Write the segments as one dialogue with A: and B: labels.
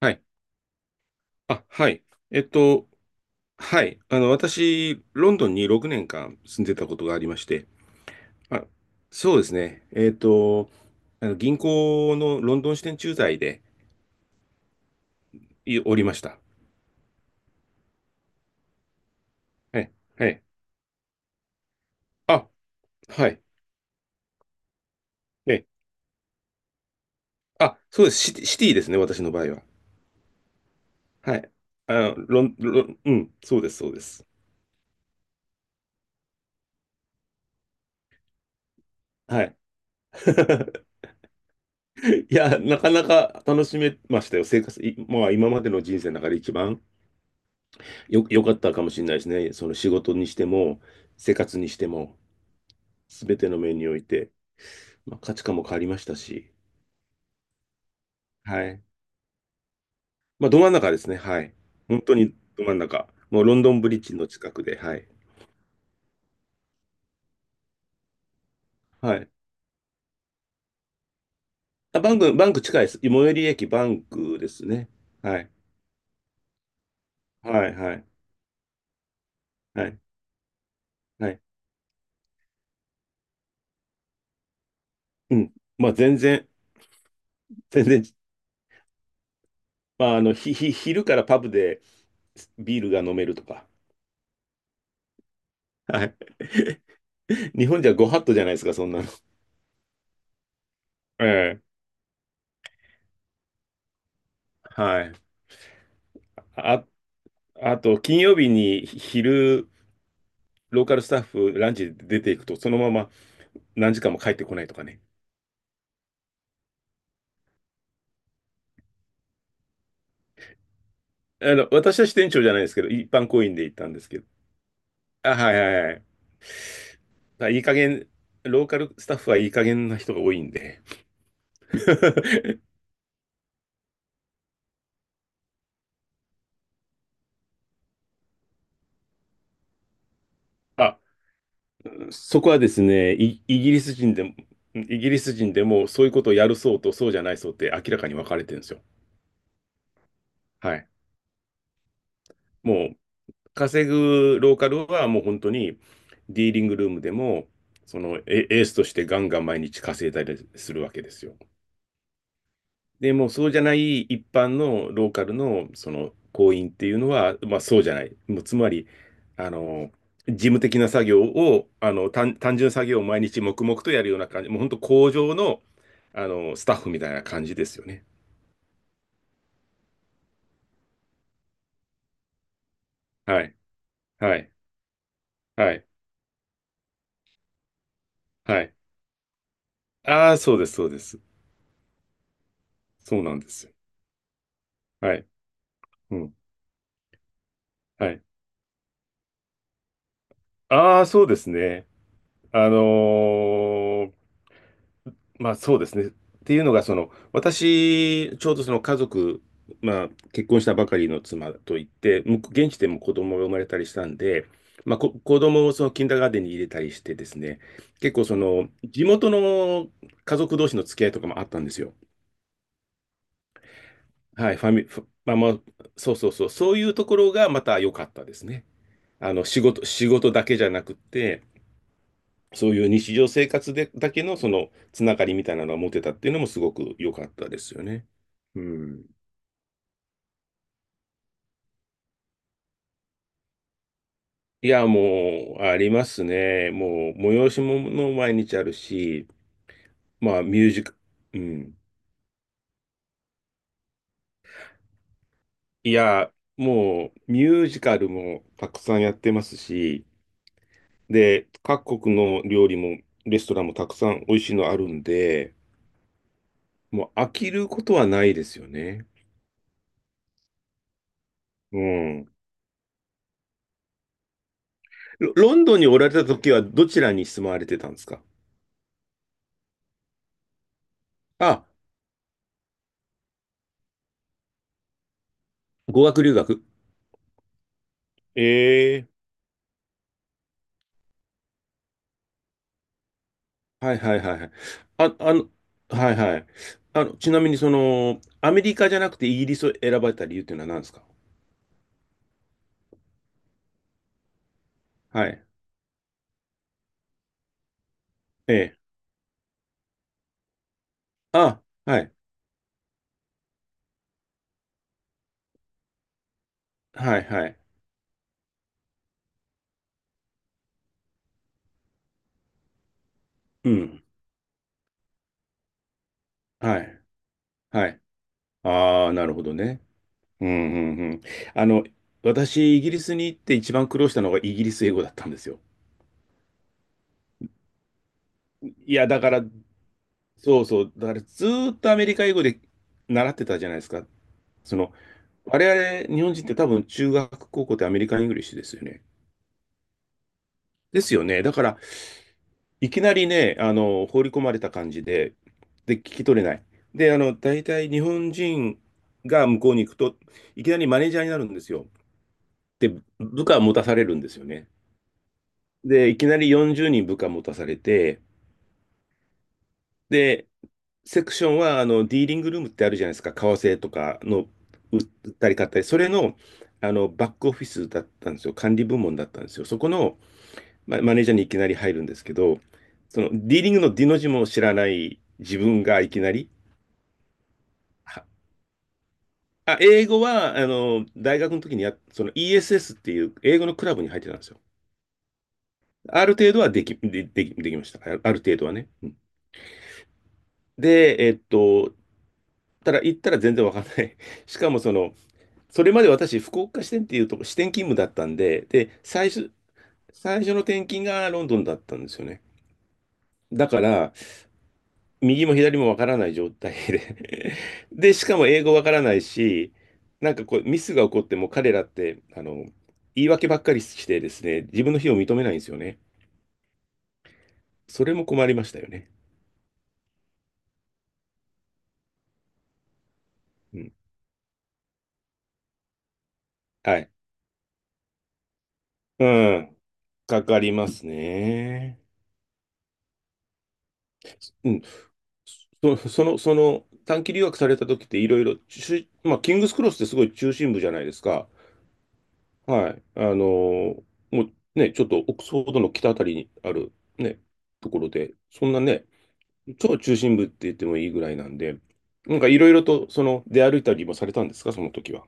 A: はい。あ、はい。えっと、はい。私、ロンドンに6年間住んでたことがありまして、あ、そうですね。あの銀行のロンドン支店駐在でおりました。はい。はい。あ、はい。ね。あ、そうです。シティですね、私の場合は。はい。あの、ロン、ロン、うん、そうです、そうです。はい。いや、なかなか楽しめましたよ。生活、いまあ、今までの人生の中で一番良かったかもしれないですね。その仕事にしても、生活にしても、すべての面において、まあ、価値観も変わりましたし、はい。まあ、ど真ん中ですね。はい。本当にど真ん中。もうロンドンブリッジの近くで、はい。はい。あ、バンク近いです。最寄り駅バンクですね。はい。はい、はい、はい、はい。うん。まあ、全然、まあ、あの、昼からパブでビールが飲めるとか。はい。日本じゃご法度じゃないですか、そんなの。ええ。はい。あ、あと、金曜日に昼、ローカルスタッフランチで出ていくと、そのまま何時間も帰ってこないとかね。あの、私は支店長じゃないですけど、一般行員で行ったんですけど。あ、はいはいはい。まあいい加減、ローカルスタッフはいい加減な人が多いんで。あ、そこはですね、イギリス人でもそういうことをやる層とそうじゃない層って明らかに分かれてるんですよ。はい。もう稼ぐローカルはもう本当にディーリングルームでも、そのエースとしてガンガン毎日稼いだりするわけですよ。でもうそうじゃない一般のローカルのその行員っていうのは、まあそうじゃない。もうつまり、あの、事務的な作業を、あの、単純作業を毎日黙々とやるような感じ、もう本当工場の、あの、スタッフみたいな感じですよね。はい。はい。はい。はい。ああ、そうです、そうです。そうなんですよ。はい。うん。はい。ああ、そうですね。あのーまあそうですね。っていうのが、その、私、ちょうどその家族、まあ結婚したばかりの妻といって、向こう現地でも子供が生まれたりしたんで、まあ子供をそのキンダーガーデンに入れたりしてですね、結構その、地元の家族同士の付き合いとかもあったんですよ。はい、ファミ、ファまあまあ、そうそうそう、そういうところがまた良かったですね。あの、仕事だけじゃなくって、そういう日常生活でだけのそのつながりみたいなのが持てたっていうのもすごく良かったですよね。うん。いや、もう、ありますね。もう、催し物も毎日あるし、まあ、ミュージカ、うん。いや、もう、ミュージカルもたくさんやってますし、で、各国の料理も、レストランもたくさん美味しいのあるんで、もう飽きることはないですよね。うん。ロンドンにおられた時はどちらに住まわれてたんですかあ？語学留学。ええはいはいはいはい。あ、あの、はいはい。あの、ちなみにその、アメリカじゃなくてイギリスを選ばれた理由っていうのは何ですか？はい。ええ。あ、はい。はいはい。うん。はい。はい。ああ、なるほどね。うんうんうん。あの、私、イギリスに行って一番苦労したのがイギリス英語だったんですよ。いや、だから、そうそう。だからずーっとアメリカ英語で習ってたじゃないですか。その、我々、日本人って多分中学、高校ってアメリカン・イングリッシュですよね。ですよね。だから、いきなりね、あの、放り込まれた感じで、で、聞き取れない。で、あの、大体日本人が向こうに行くと、いきなりマネージャーになるんですよ。で、部下持たされるんですよね。で、いきなり40人部下持たされて、で、セクションは、あの、ディーリングルームってあるじゃないですか。為替とかの売ったり買ったり、それの、あの、バックオフィスだったんですよ。管理部門だったんですよ。そこの、マネージャーにいきなり入るんですけど、そのディーリングのディの字も知らない自分がいきなり、は英語はあの大学の時にその ESS っていう英語のクラブに入ってたんですよ。ある程度はできました。ある程度はね。うんで、ただ行ったら全然わかんない。しかもその、それまで私、福岡支店っていうとこ、支店勤務だったんで、で、最初の転勤がロンドンだったんですよね。だから、右も左もわからない状態で で、しかも英語わからないし、なんかこう、ミスが起こっても彼らって、あの、言い訳ばっかりしてですね、自分の非を認めないんですよね。それも困りましたよね。うん。はい。うん。かかりますね。うん。その、短期留学された時っていろいろ、まあ、キングスクロスってすごい中心部じゃないですか。はい。ーもうね、ちょっとオックスフォードの北あたりにある、ね、ところで、そんなね、超中心部って言ってもいいぐらいなんで、なんかいろいろと、その、出歩いたりもされたんですか、その時は。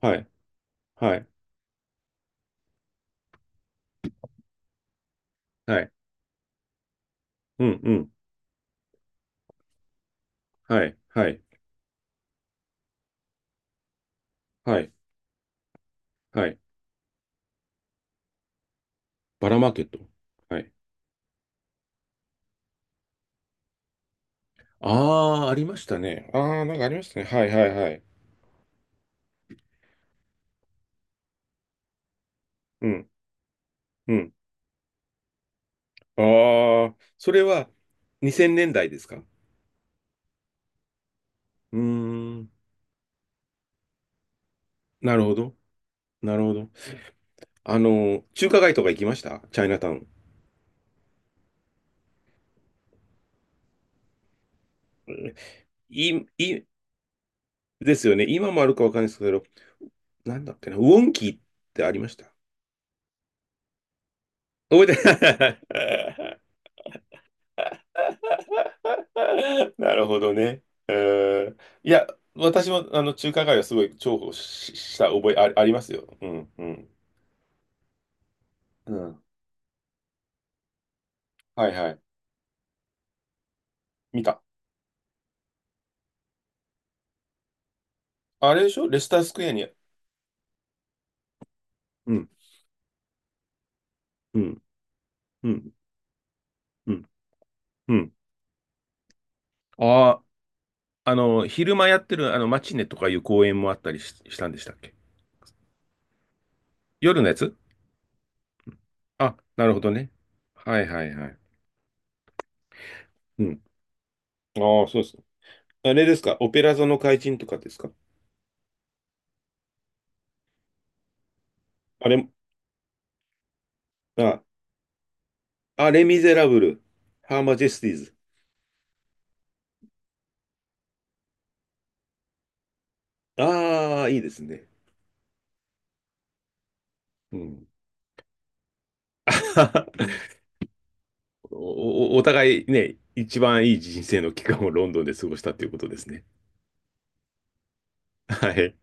A: はい、はい、はい、うん、うん、はい、はい、はい、はい。バラマーケット。はい。ああ、ありましたね。ああ、なんかありましたね。はい、はい、はい。うん、うん。ああ、それは2000年代ですか？うーん、なるほど、なるほど。あの、中華街とか行きました？チャイナタウン。うんいいですよね。今もあるかわかんないですけど、なんだっけな、ウォンキーってありました？覚えてない。 なるほどね。うーんいや、私もあの中華街はすごい重宝した覚えありますよ。うん、うん。うん。はいはい。見た。あれでしょ？レスタースクエアに。うん、うん、うん、うん、うん。ああ、あの、昼間やってるあのマチネとかいう公演もあったりしたんでしたっけ？夜のやつ。あ、なるほどね。はいはいはい。うん。ああ、そうですね。あれですかオペラ座の怪人とかですか？あれ、あ、あれミゼラブル、ハーマジェスティーズ。ああ、いいですね。うん。お、お互いね、一番いい人生の期間をロンドンで過ごしたということですね。はい。